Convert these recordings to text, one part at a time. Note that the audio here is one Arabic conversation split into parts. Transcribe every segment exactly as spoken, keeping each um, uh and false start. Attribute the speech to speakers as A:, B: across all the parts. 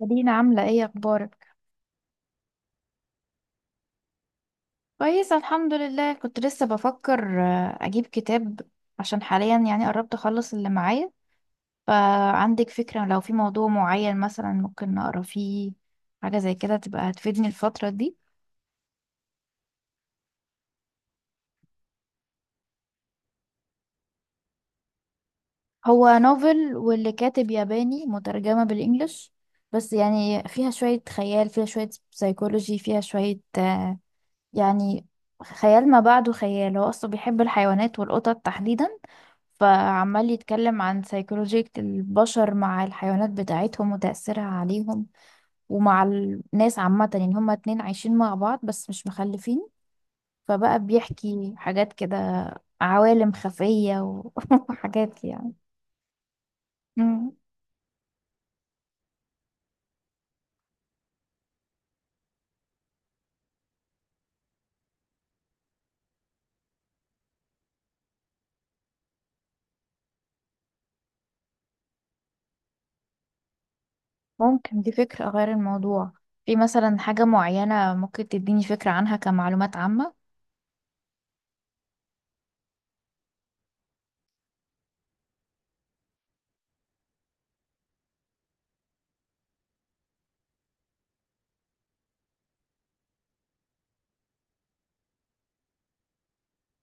A: مدينة، عاملة ايه؟ اخبارك؟ كويسة الحمد لله. كنت لسه بفكر آه، اجيب كتاب، عشان حاليا يعني قربت اخلص اللي معايا. فعندك فكرة؟ لو في موضوع معين مثلا ممكن نقرا فيه حاجة زي كده تبقى هتفيدني الفترة دي. هو نوفل، واللي كاتب ياباني مترجمة بالانجلش، بس يعني فيها شوية خيال، فيها شوية سيكولوجي، فيها شوية آه، يعني خيال ما بعده خيال. هو أصلا بيحب الحيوانات والقطط تحديدا، فعمال يتكلم عن سيكولوجية البشر مع الحيوانات بتاعتهم وتأثيرها عليهم ومع الناس عامة. يعني هما اتنين عايشين مع بعض بس مش مخلفين، فبقى بيحكي حاجات كده، عوالم خفية و- وحاجات يعني. مم. ممكن، دي فكرة. أغير الموضوع. في مثلا حاجة معينة ممكن تديني فكرة عنها كمعلومات عامة؟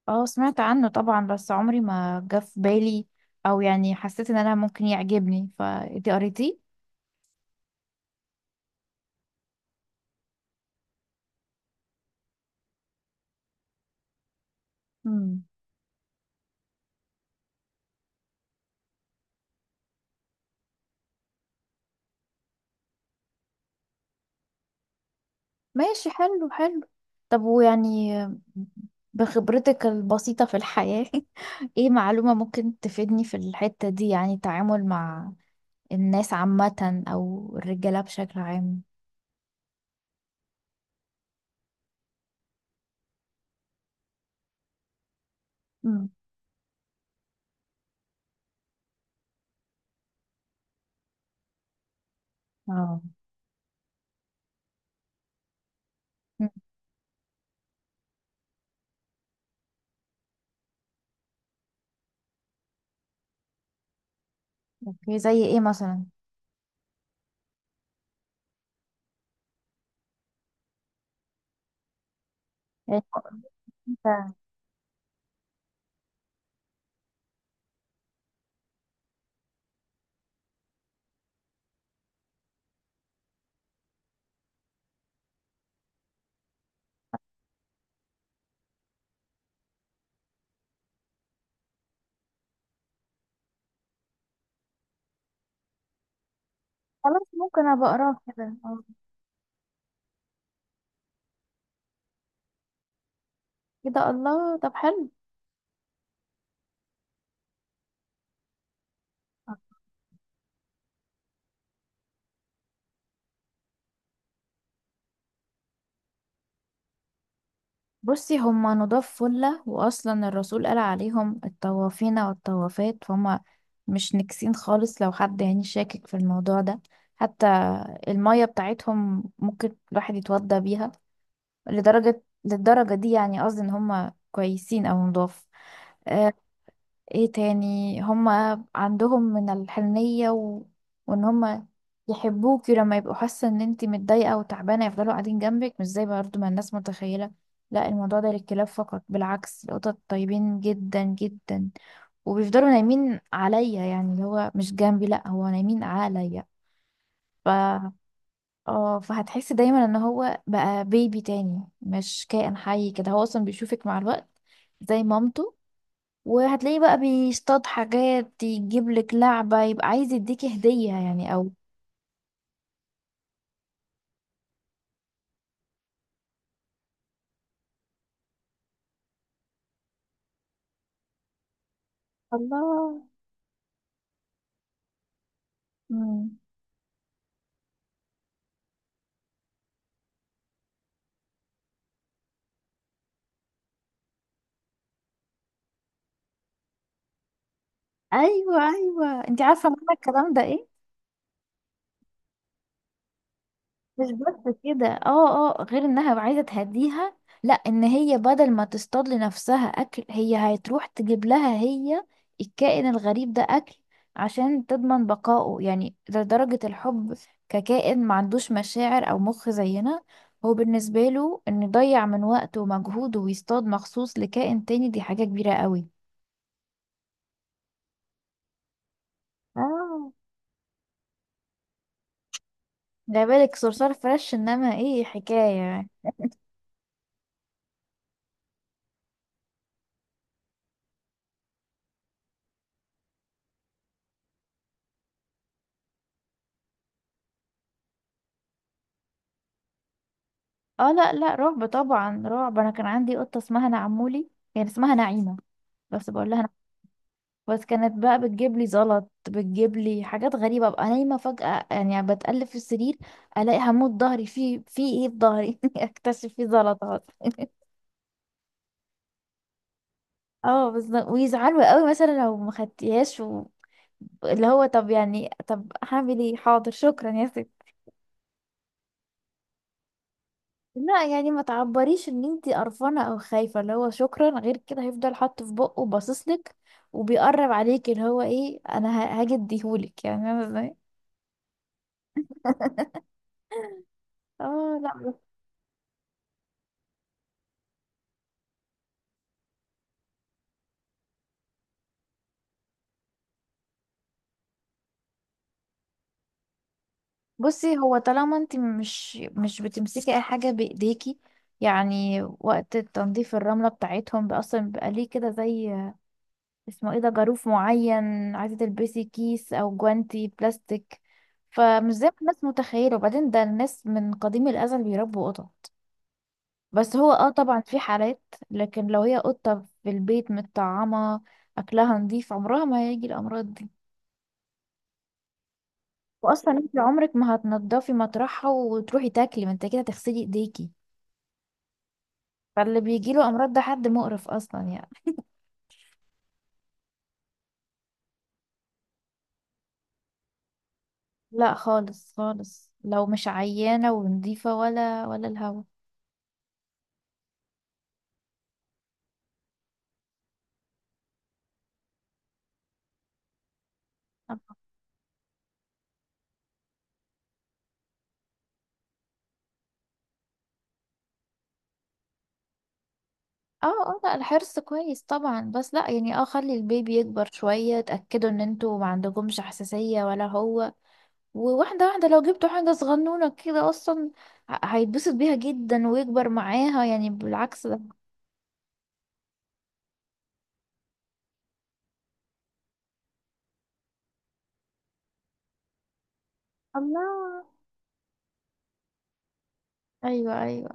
A: اه سمعت عنه طبعا، بس عمري ما جه في بالي او يعني حسيت ان انا ممكن يعجبني. فانتي قريتيه؟ امم. ماشي، حلو حلو. طب، ويعني بخبرتك البسيطة في الحياة ايه معلومة ممكن تفيدني في الحتة دي؟ يعني التعامل مع الناس عامة او الرجالة بشكل عام. امم. اه. مم. اوكي، زي ايه مثلا؟ يعني انت خلاص ممكن ابقى اقراه كده، اه. كده! الله، طب حلو. بصي، هما نضاف فلة، وأصلا الرسول قال عليهم الطوافين والطوافات، فهم مش نكسين خالص. لو حد يعني شاكك في الموضوع ده، حتى المية بتاعتهم ممكن الواحد يتوضى بيها، لدرجة للدرجة دي. يعني قصدي إن هما كويسين أو نضاف. ايه تاني؟ هما عندهم من الحنية و... وان هما يحبوكي لما يبقوا حاسة ان انتي متضايقة وتعبانة، يفضلوا قاعدين جنبك، مش زي برضه ما الناس متخيلة. لا، الموضوع ده للكلاب فقط. بالعكس، القطط طيبين جدا جدا، وبيفضلوا نايمين عليا. يعني اللي هو مش جنبي، لا، هو نايمين عليا. ف اه، فهتحسي دايما ان هو بقى بيبي تاني، مش كائن حي كده. هو اصلا بيشوفك مع الوقت زي مامته، وهتلاقيه بقى بيصطاد حاجات، يجيب لك لعبة يبقى عايز يديكي هدية يعني، او الله. مم. ايوه ايوه، انت عارفة معنى الكلام ده إيه؟ مش بس كده، اه اه، غير انها عايزه تهديها، لا، ان هي بدل ما تصطاد لنفسها اكل، هي هتروح تجيب لها هي الكائن الغريب ده اكل عشان تضمن بقائه، يعني لدرجه الحب، ككائن ما عندوش مشاعر او مخ زينا. هو بالنسبه له انه يضيع من وقته ومجهوده ويصطاد مخصوص لكائن تاني، دي حاجه كبيره قوي. اه. لا بالك صرصار فريش، انما ايه حكايه! اه لا لا، رعب طبعا رعب. انا كان عندي قطه اسمها نعمولي، يعني اسمها نعيمه بس بقول لها نعم. بس كانت بقى بتجيب لي زلط، بتجيب لي حاجات غريبه، ابقى نايمه فجاه، يعني بتقلب في السرير الاقي هموت، ظهري في في ايه؟ في ظهري اكتشف في زلطات اه، بس ويزعلوا قوي مثلا لو ما خدتيهاش و... اللي هو، طب، يعني، طب هعمل ايه؟ حاضر، شكرا يا ستي. لا يعني ما تعبريش ان انتي قرفانه او خايفه، اللي هو شكرا. غير كده هيفضل حاطه في بقه باصصلك وبيقرب عليك، اللي هو ايه، انا ه- هاجي اديهولك يعني! انا ازاي؟ اه لا. بصي، هو طالما انتي مش مش بتمسكي اي حاجه بايديكي، يعني وقت تنظيف الرمله بتاعتهم بقى اصلا بيبقى ليه كده، زي اسمه ايه ده، جاروف معين، عايزه تلبسي كيس او جوانتي بلاستيك. فمش زي ما الناس متخيله. وبعدين، ده الناس من قديم الازل بيربوا قطط. بس هو، اه، طبعا في حالات، لكن لو هي قطة في البيت متطعمة، أكلها نظيف، عمرها ما هيجي الأمراض دي. وأصلا انت عمرك ما هتنضفي مطرحها وتروحي تاكلي، ما انت كده هتغسلي ايديكي، فاللي بيجيله أمراض ده حد مقرف أصلا يعني. لا خالص خالص، لو مش عيانة ونظيفة ولا ولا الهوا. اه اه، لا الحرص كويس طبعا، بس لا يعني، اه خلي البيبي يكبر شوية، تأكدوا ان انتوا ما عندكمش حساسية ولا هو، وواحدة واحدة. لو جبتوا حاجة صغنونة كده أصلا، ه- هيتبسط بيها جدا ويكبر معاها، يعني بالعكس ده. الله. أيوة أيوة.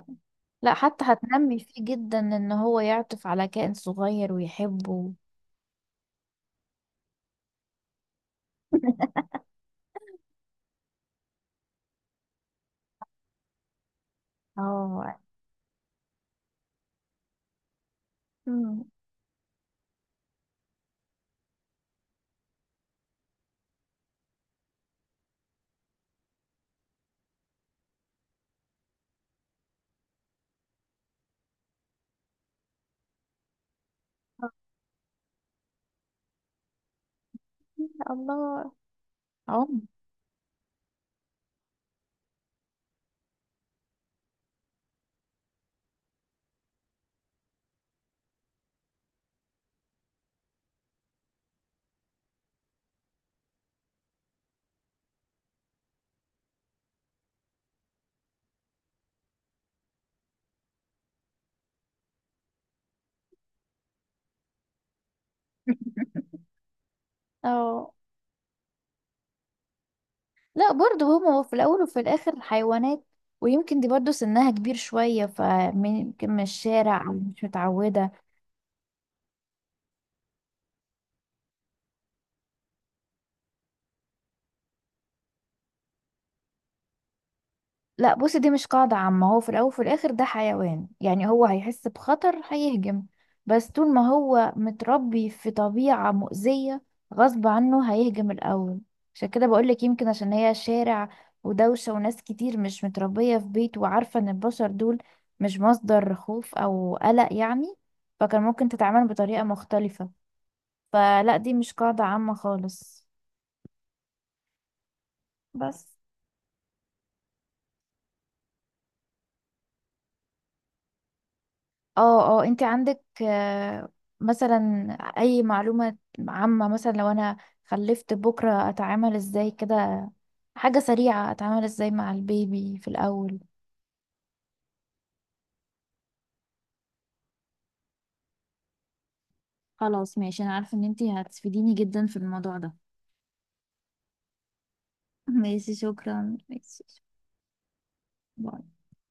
A: لا، حتى هتنمي فيه جدا إن هو يعطف على كائن صغير ويحبه. اه. أمم. الله. عم. اه لا، برضو هما في الأول وفي الآخر حيوانات. ويمكن دي برضو سنها كبير شوية، فمن يمكن من الشارع، أو مش متعودة. لا بصي، دي مش قاعدة عامة. هو في الأول وفي الآخر ده حيوان، يعني هو هيحس بخطر هيهجم، بس طول ما هو متربي في طبيعة مؤذية غصب عنه هيهجم الأول. عشان كده بقولك يمكن عشان هي شارع ودوشة وناس كتير، مش متربية في بيت وعارفة إن البشر دول مش مصدر خوف أو قلق يعني، فكان ممكن تتعامل بطريقة مختلفة. فلا، دي مش قاعدة عامة خالص. بس اه اه، انت عندك آه، مثلا اي معلومة عامة، مثلا لو انا خلفت بكرة، اتعامل ازاي كده؟ حاجة سريعة، اتعامل ازاي مع البيبي في الاول؟ خلاص ماشي، انا عارفه ان انتي هتفيديني جدا في الموضوع ده. ماشي شكرا، ماشي شكراً. باي.